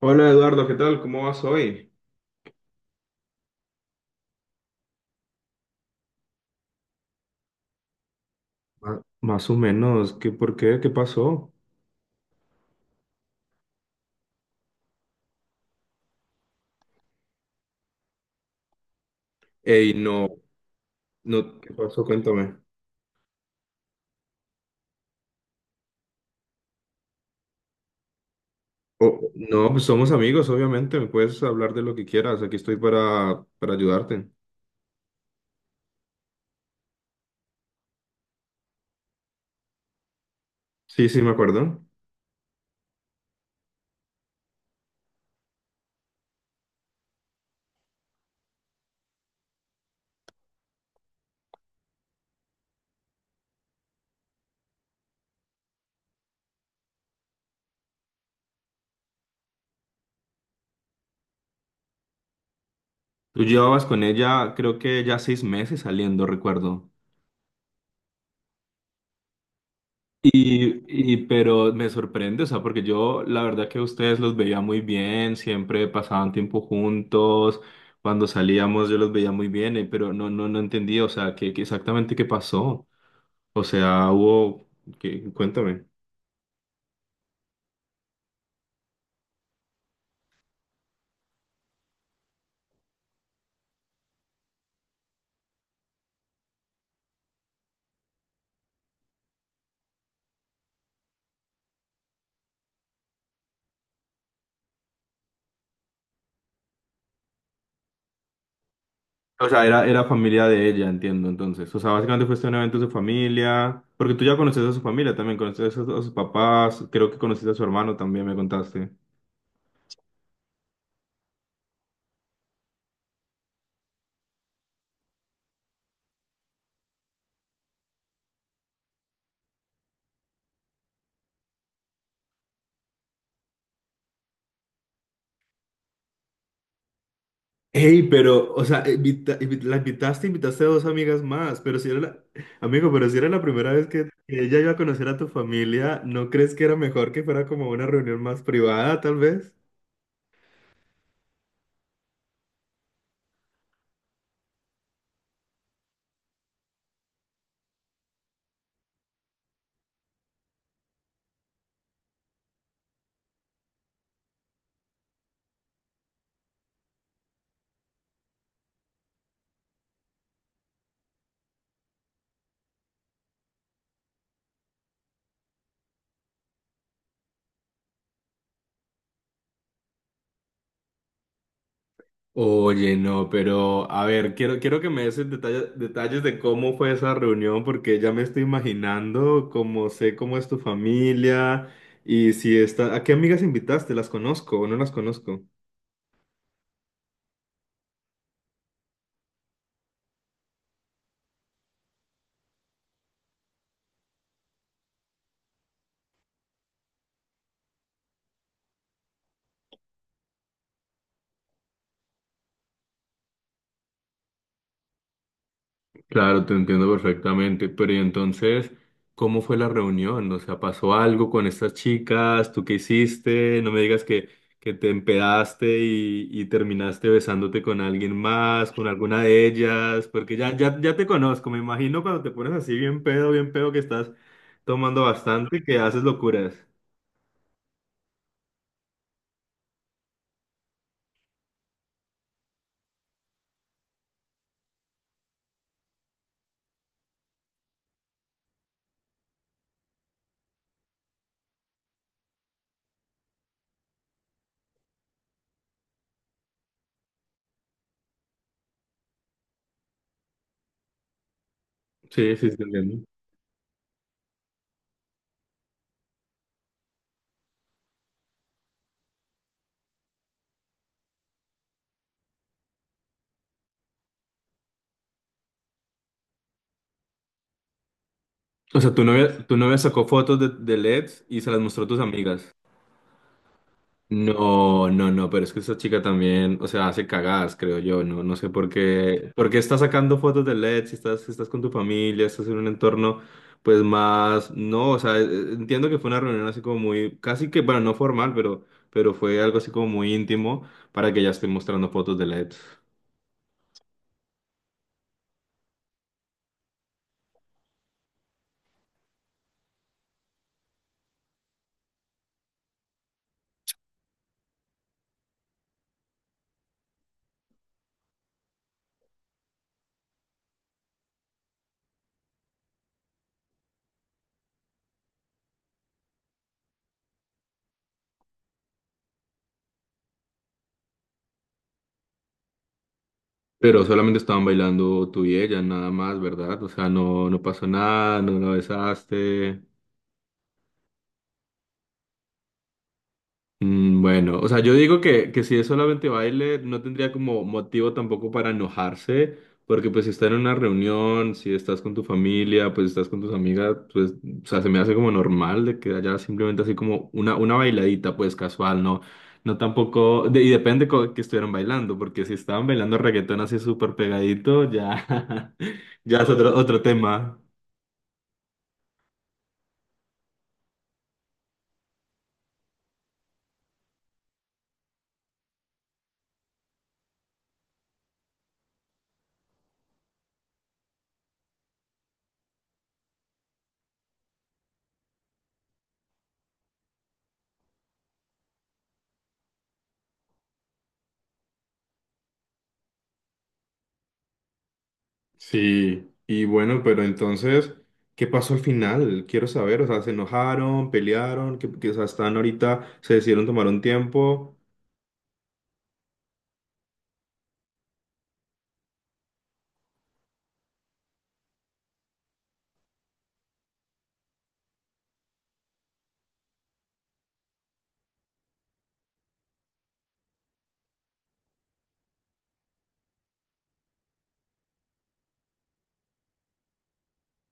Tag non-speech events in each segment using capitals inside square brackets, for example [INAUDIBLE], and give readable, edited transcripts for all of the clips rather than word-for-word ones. Hola Eduardo, ¿qué tal? ¿Cómo vas hoy? Más o menos, ¿qué por qué? ¿Qué pasó? Ey, no, no, ¿qué pasó? Cuéntame. Oh, no, pues somos amigos, obviamente, me puedes hablar de lo que quieras, aquí estoy para ayudarte. Sí, sí, me acuerdo. Tú llevabas con ella, creo que ya seis meses saliendo, recuerdo. Pero me sorprende, o sea, porque yo la verdad que a ustedes los veía muy bien, siempre pasaban tiempo juntos, cuando salíamos yo los veía muy bien, pero no, no, no entendía, o sea, qué exactamente qué pasó. O sea, hubo, qué, cuéntame. O sea, era familia de ella, entiendo, entonces. O sea, básicamente fuiste a un evento de su familia, porque tú ya conoces a su familia también, conoces a, a sus papás, creo que conociste a su hermano también, me contaste. Hey, pero, o sea, la invitaste, invitaste a dos amigas más, pero si era la, amigo, pero si era la primera vez que ella iba a conocer a tu familia, ¿no crees que era mejor que fuera como una reunión más privada, tal vez? Oye, no, pero a ver, quiero que me des el detalles de cómo fue esa reunión, porque ya me estoy imaginando cómo sé cómo es tu familia y si está, ¿a qué amigas invitaste? ¿Las conozco o no las conozco? Claro, te entiendo perfectamente, pero y entonces, ¿cómo fue la reunión? O sea, ¿pasó algo con estas chicas? ¿Tú qué hiciste? No me digas que te empedaste y terminaste besándote con alguien más, con alguna de ellas, porque ya, ya, ya te conozco, me imagino cuando te pones así bien pedo que estás tomando bastante, que haces locuras. Sí, sí, sí, entiendo. O sea, tu novia sacó fotos de, LEDs y se las mostró a tus amigas. No, no, no, pero es que esta chica también, o sea, hace cagadas, creo yo, no, no sé por qué, porque está sacando fotos de LED, si estás con tu familia, estás en un entorno, pues más, no, o sea, entiendo que fue una reunión así como muy, casi que, bueno, no formal, pero fue algo así como muy íntimo para que ella esté mostrando fotos de LED. Pero solamente estaban bailando tú y ella, nada más, ¿verdad? O sea, no, no pasó nada, no la besaste. Mm, bueno, o sea, yo digo que si es solamente baile, no tendría como motivo tampoco para enojarse, porque pues si está en una reunión, si estás con tu familia, pues estás con tus amigas, pues, o sea, se me hace como normal de que haya simplemente así como una bailadita, pues casual, ¿no? No tampoco, y depende que estuvieran bailando, porque si estaban bailando reggaetón así súper pegadito, ya, [LAUGHS] ya es otro, otro tema. Sí, y bueno, pero entonces, ¿qué pasó al final? Quiero saber, o sea, ¿se enojaron, pelearon, que, o sea, están ahorita, se decidieron tomar un tiempo?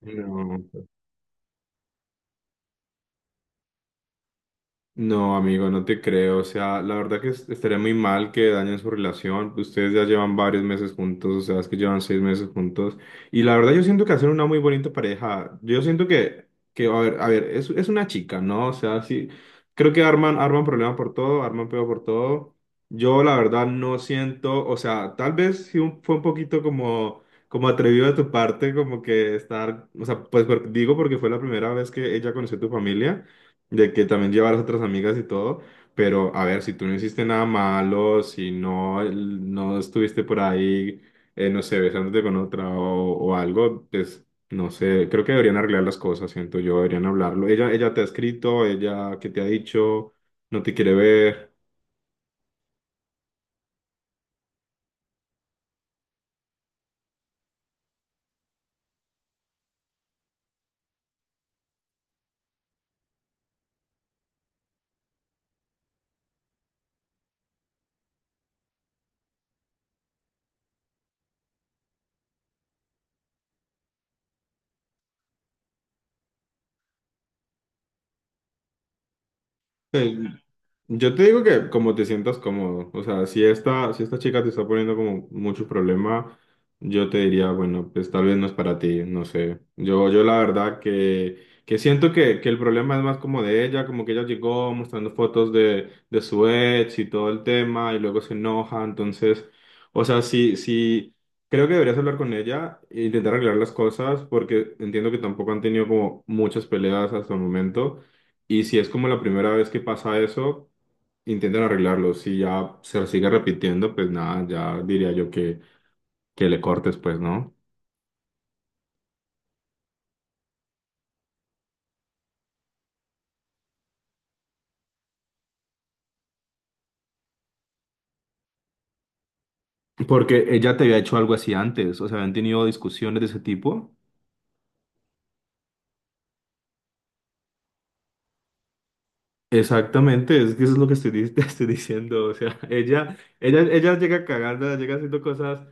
No. No, amigo, no te creo. O sea, la verdad que estaría muy mal que dañen su relación. Ustedes ya llevan varios meses juntos, o sea, es que llevan seis meses juntos. Y la verdad yo siento que hacen una muy bonita pareja. Yo siento que a ver, es una chica, ¿no? O sea, sí, creo que arman, arman problema por todo, arman peor por todo. Yo la verdad no siento, o sea, tal vez sí fue un poquito como, como atrevido de tu parte, como que estar, o sea, pues digo porque fue la primera vez que ella conoció a tu familia de que también llevar a otras amigas y todo, pero a ver, si tú no hiciste nada malo, si no, no estuviste por ahí, no sé, besándote con otra o algo, pues no sé, creo que deberían arreglar las cosas, siento yo, deberían hablarlo. Ella te ha escrito, ella que te ha dicho, no te quiere ver. Yo te digo que como te sientas cómodo, o sea, si esta chica te está poniendo como mucho problema, yo te diría, bueno, pues tal vez no es para ti, no sé. Yo la verdad que siento que el problema es más como de ella, como que ella llegó mostrando fotos de su ex y todo el tema y luego se enoja, entonces, o sea, sí, sí, creo que deberías hablar con ella e intentar arreglar las cosas porque entiendo que tampoco han tenido como muchas peleas hasta el momento. Y si es como la primera vez que pasa eso, intentan arreglarlo. Si ya se sigue repitiendo, pues nada, ya diría yo que le cortes, pues, ¿no? Porque ella te había hecho algo así antes, o sea, habían tenido discusiones de ese tipo. Exactamente, es que eso es lo que estoy, [LAUGHS] te estoy diciendo, o sea, [LAUGHS] ella llega cagando, llega haciendo cosas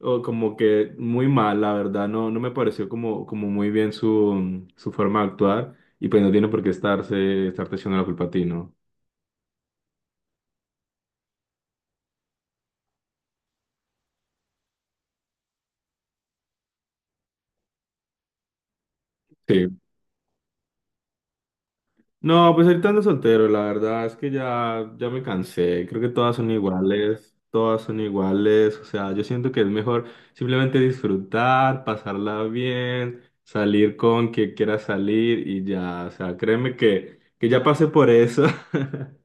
o como que muy mal, la verdad, no, no me pareció como, como muy bien su forma de actuar y pues no tiene por qué estarse, estarte echando la culpa a ti, ¿no? Sí, no, pues ahorita ando soltero, la verdad es que ya, ya me cansé, creo que todas son iguales, o sea, yo siento que es mejor simplemente disfrutar, pasarla bien, salir con quien quiera salir y ya, o sea, créeme que ya pasé por eso. [LAUGHS]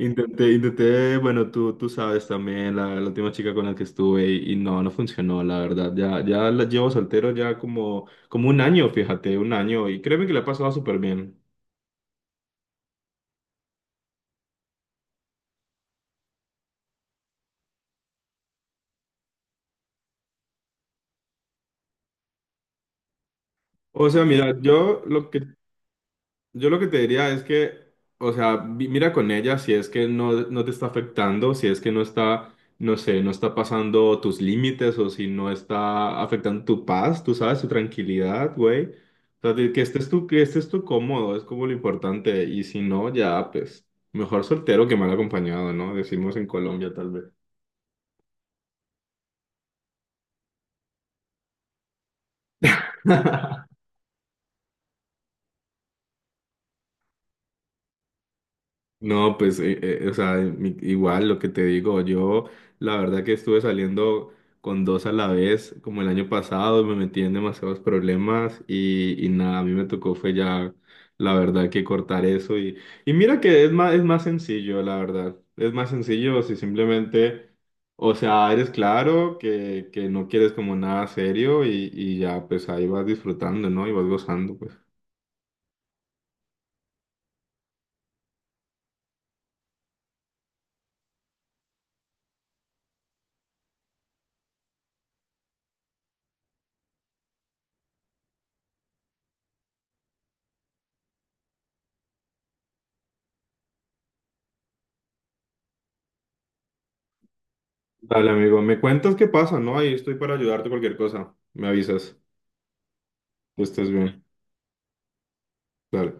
Intenté, intenté, bueno, tú sabes también, la última chica con la que estuve y no, no funcionó, la verdad, ya, ya la llevo soltero ya como, como un año, fíjate, un año y créeme que la he pasado súper bien. O sea, mira, yo lo que te diría es que, o sea, mira con ella si es que no, no te está afectando, si es que no está, no sé, no está pasando tus límites o si no está afectando tu paz, tú sabes, tu tranquilidad, güey. O sea, de que estés tú cómodo, es como lo importante. Y si no, ya, pues, mejor soltero que mal acompañado, ¿no? Decimos en Colombia, tal vez. [LAUGHS] No, pues, o sea, igual lo que te digo, yo la verdad que estuve saliendo con dos a la vez, como el año pasado, me metí en demasiados problemas y nada, a mí me tocó fue ya, la verdad que cortar eso y mira que es más sencillo, la verdad, es más sencillo si simplemente, o sea, eres claro que no quieres como nada serio y ya, pues ahí vas disfrutando, ¿no? Y vas gozando, pues. Dale, amigo, me cuentas qué pasa, ¿no? Ahí estoy para ayudarte cualquier cosa. Me avisas que estés bien. Dale.